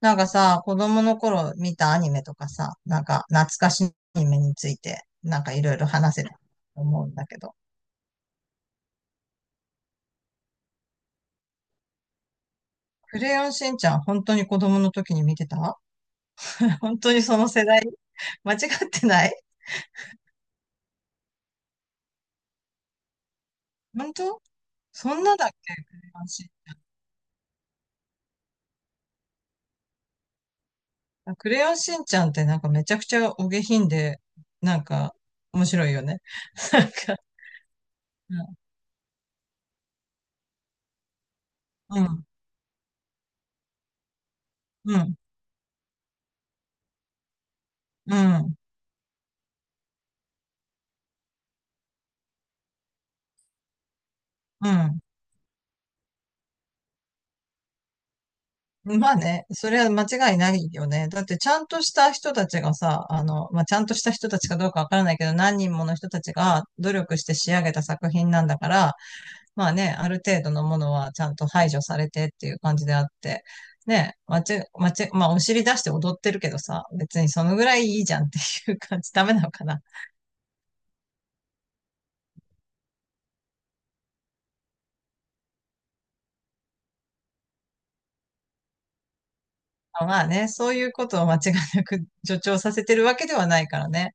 なんかさ、子供の頃見たアニメとかさ、懐かしいアニメについて、いろいろ話せると思うんだけど。クレヨンしんちゃん、本当に子供の時に見てた 本当にその世代 間違ってない。本当そんなだっけクレヨンしんちゃん。クレヨンしんちゃんってめちゃくちゃお下品で、なんか面白いよね。なんか、うん、うん、うん、うん、まあね、それは間違いないよね。だってちゃんとした人たちがさ、まあ、ちゃんとした人たちかどうかわからないけど、何人もの人たちが努力して仕上げた作品なんだから、まあね、ある程度のものはちゃんと排除されてっていう感じであって、ね、まち、まち、まあお尻出して踊ってるけどさ、別にそのぐらいいいじゃんっていう感じ、ダメなのかな。あ、まあね、そういうことを間違いなく助長させてるわけではないからね。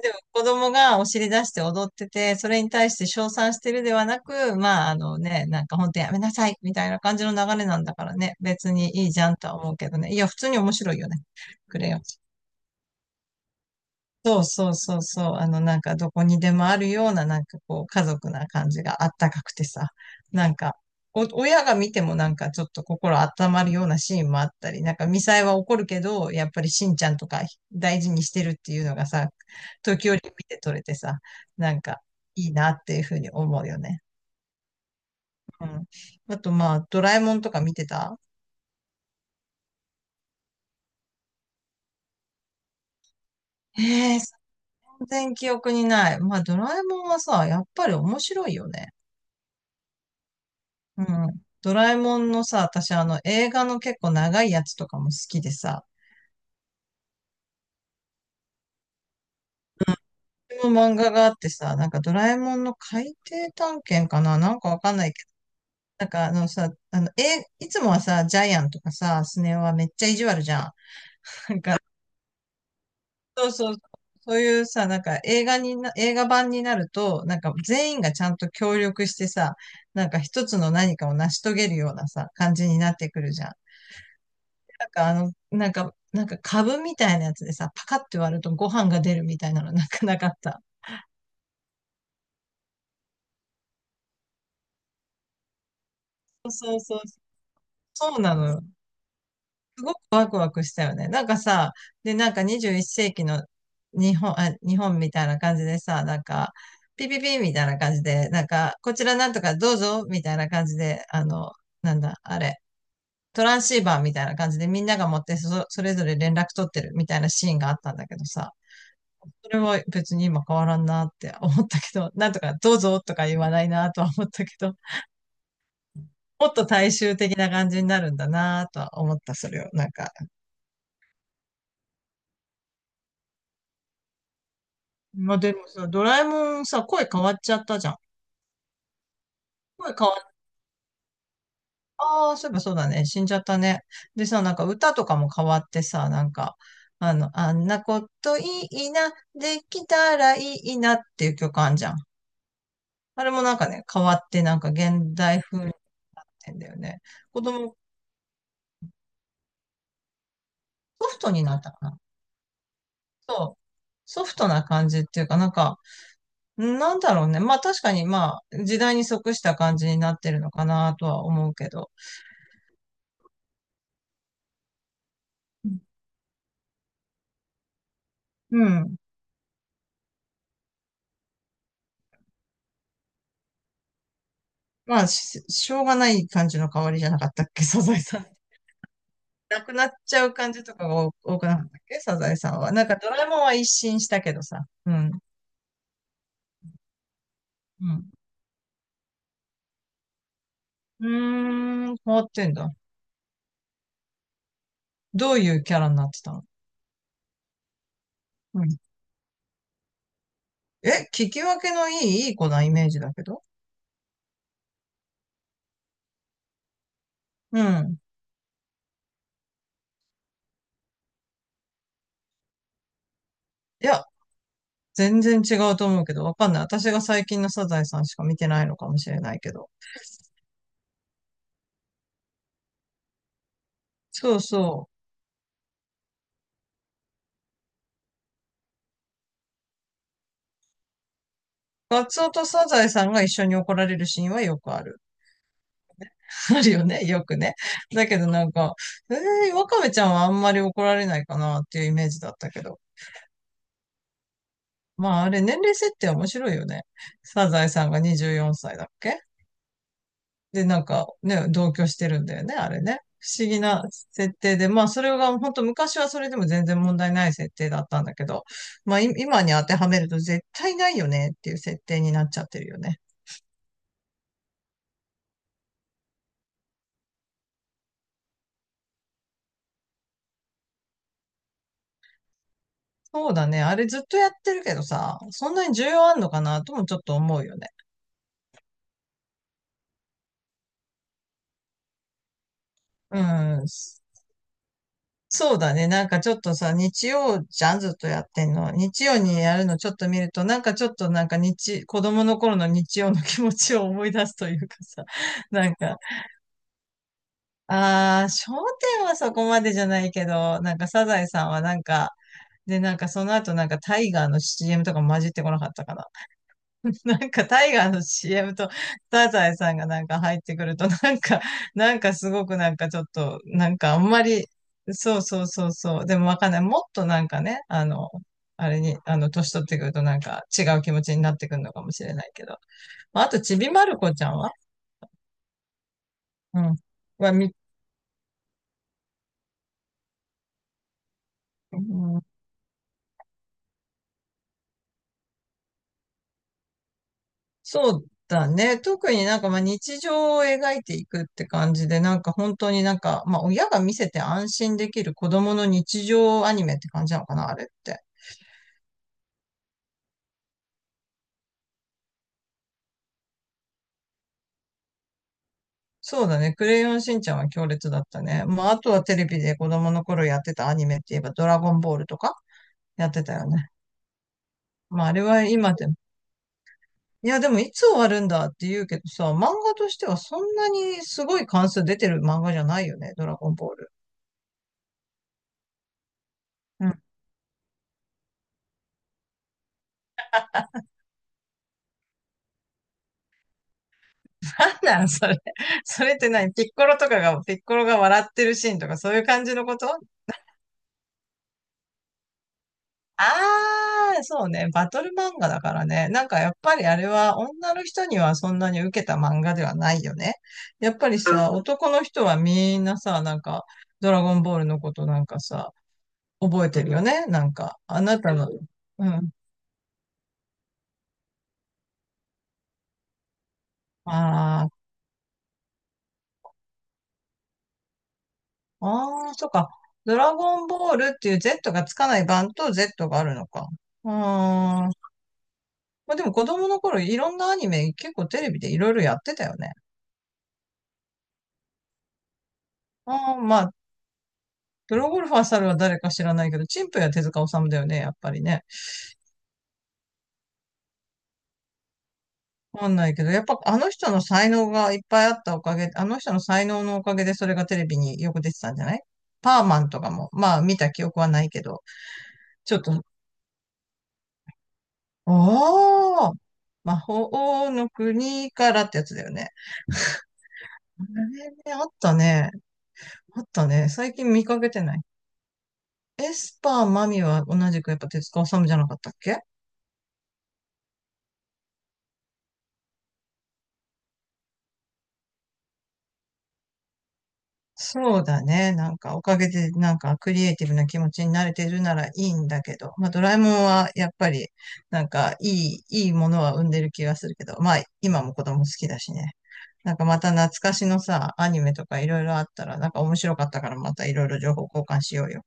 でも子供がお尻出して踊ってて、それに対して称賛してるではなく、まああのね、本当やめなさいみたいな感じの流れなんだからね、別にいいじゃんとは思うけどね。いや、普通に面白いよね。くれよ。そうそうそうそう。どこにでもあるような、家族な感じがあったかくてさ。なんか、親が見てもちょっと心温まるようなシーンもあったり、ミサイは怒るけど、やっぱりしんちゃんとか大事にしてるっていうのがさ、時折見て取れてさ、なんかいいなっていうふうに思うよね。うん。あとまあ、ドラえもんとか見てた。ええー、全然記憶にない。まあ、ドラえもんはさ、やっぱり面白いよね。うん。ドラえもんのさ、私あの映画の結構長いやつとかも好きでさ、この漫画があってさ、ドラえもんの海底探検かななんかわかんないけど。なんかあのさ、あの、え、いつもはさ、ジャイアンとかさ、スネ夫はめっちゃ意地悪じゃん。そうそう。そういうさ、映画版になると、全員がちゃんと協力してさ、一つの何かを成し遂げるようなさ、感じになってくるじゃん。株みたいなやつでさ、パカって割るとご飯が出るみたいなの なんかなかった。そうそうそう。そうなのよ。すごくワクワクしたよね。なんかさ、で、なんか21世紀の日本みたいな感じでさ、ピピピみたいな感じで、こちらなんとかどうぞみたいな感じで、あの、なんだ、あれ、トランシーバーみたいな感じでみんなが持ってそ、それぞれ連絡取ってるみたいなシーンがあったんだけどさ、それは別に今変わらんなって思ったけど、なんとかどうぞとか言わないなとは思ったけど、もっと大衆的な感じになるんだなとは思った、それを。なんか。まあでもさ、ドラえもんさ、声変わっちゃったじゃん。声変わっ、ああ、そういえばそうだね。死んじゃったね。でさ、なんか歌とかも変わってさ、あんなこといいな、できたらいいなっていう曲あんじゃん。あれもなんかね、変わってなんか現代風になってんだよね。子供ソフトになったかな。そうソフトな感じっていうか、まあ確かに、まあ、時代に即した感じになってるのかなとは思うけど。うん。まあ、しょうがない感じの香りじゃなかったっけ、サザエさん。なくなっちゃう感じとかが多くなかったっけ、サザエさんは。なんかドラえもんは一新したけどさ。うん。うん。うーん、変わってんだ。どういうキャラになってたの？うん。え、聞き分けのいい、いい子なイメージだけど。うん。いや、全然違うと思うけど、わかんない。私が最近のサザエさんしか見てないのかもしれないけど。そうそう。ガツオとサザエさんが一緒に怒られるシーンはよくある。あるよね、よくね。だけどなんか、えー、ワカメちゃんはあんまり怒られないかなっていうイメージだったけど。まああれ、年齢設定面白いよね。サザエさんが24歳だっけ？で、なんかね、同居してるんだよね、あれね。不思議な設定で、まあそれが本当昔はそれでも全然問題ない設定だったんだけど、まあい今に当てはめると絶対ないよねっていう設定になっちゃってるよね。そうだね。あれずっとやってるけどさ、そんなに重要あんのかなともちょっと思うよね。うん。そうだね。なんかちょっとさ、日曜じゃん、ずっとやってんの。日曜にやるのちょっと見ると、なんかちょっとなんか日、子供の頃の日曜の気持ちを思い出すというかさ、なんかああ、商店はそこまでじゃないけど、なんかサザエさんはなんか、で、なんかその後なんかタイガーの CM とか混じってこなかったかな。なんかタイガーの CM とサザエさんがなんか入ってくると、なんか、なんかすごくなんかちょっと、なんかあんまり、そうそうそうそう、でもわかんない。もっとなんかね、あの、あれに、あの、年取ってくるとなんか違う気持ちになってくるのかもしれないけど。まああと、ちびまる子ちゃんは。うん。は、み、うん。そうだね。特にまあ日常を描いていくって感じで、なんか本当になんか、まあ親が見せて安心できる子供の日常アニメって感じなのかな、あれって。そうだね。クレヨンしんちゃんは強烈だったね。まああとはテレビで子供の頃やってたアニメって言えばドラゴンボールとかやってたよね。まああれは今でも。いやでもいつ終わるんだって言うけどさ、漫画としてはそんなにすごい関数出てる漫画じゃないよね、ドラゴンボール。なんそれ。それって何？ピッコロが笑ってるシーンとかそういう感じのこと？あー、そうね。バトル漫画だからね。なんかやっぱりあれは女の人にはそんなに受けた漫画ではないよね。やっぱりさ、男の人はみんなさ、ドラゴンボールのことなんかさ、覚えてるよね。なんか、あなたの、うん。あー、あー、そうか。ドラゴンボールっていう Z がつかない版と Z があるのか。うーん。まあでも子供の頃いろんなアニメ結構テレビでいろいろやってたよね。ああ、まあ、プロゴルファー猿は誰か知らないけど、チンプや手塚治虫だよね、やっぱりね。わかんないけど、やっぱあの人の才能がいっぱいあったおかげ、あの人の才能のおかげでそれがテレビによく出てたんじゃない？パーマンとかも、まあ見た記憶はないけど、ちょっと、ああ、魔法の国からってやつだよね。あれね、あったね。あったね。最近見かけてない。エスパーマミは同じくやっぱ手塚治虫じゃなかったっけ？そうだね。なんかおかげでなんかクリエイティブな気持ちになれてるならいいんだけど、まあドラえもんはやっぱりいいものは生んでる気がするけど、まあ今も子供好きだしね。なんかまた懐かしのさ、アニメとかいろいろあったらなんか面白かったからまたいろいろ情報交換しようよ。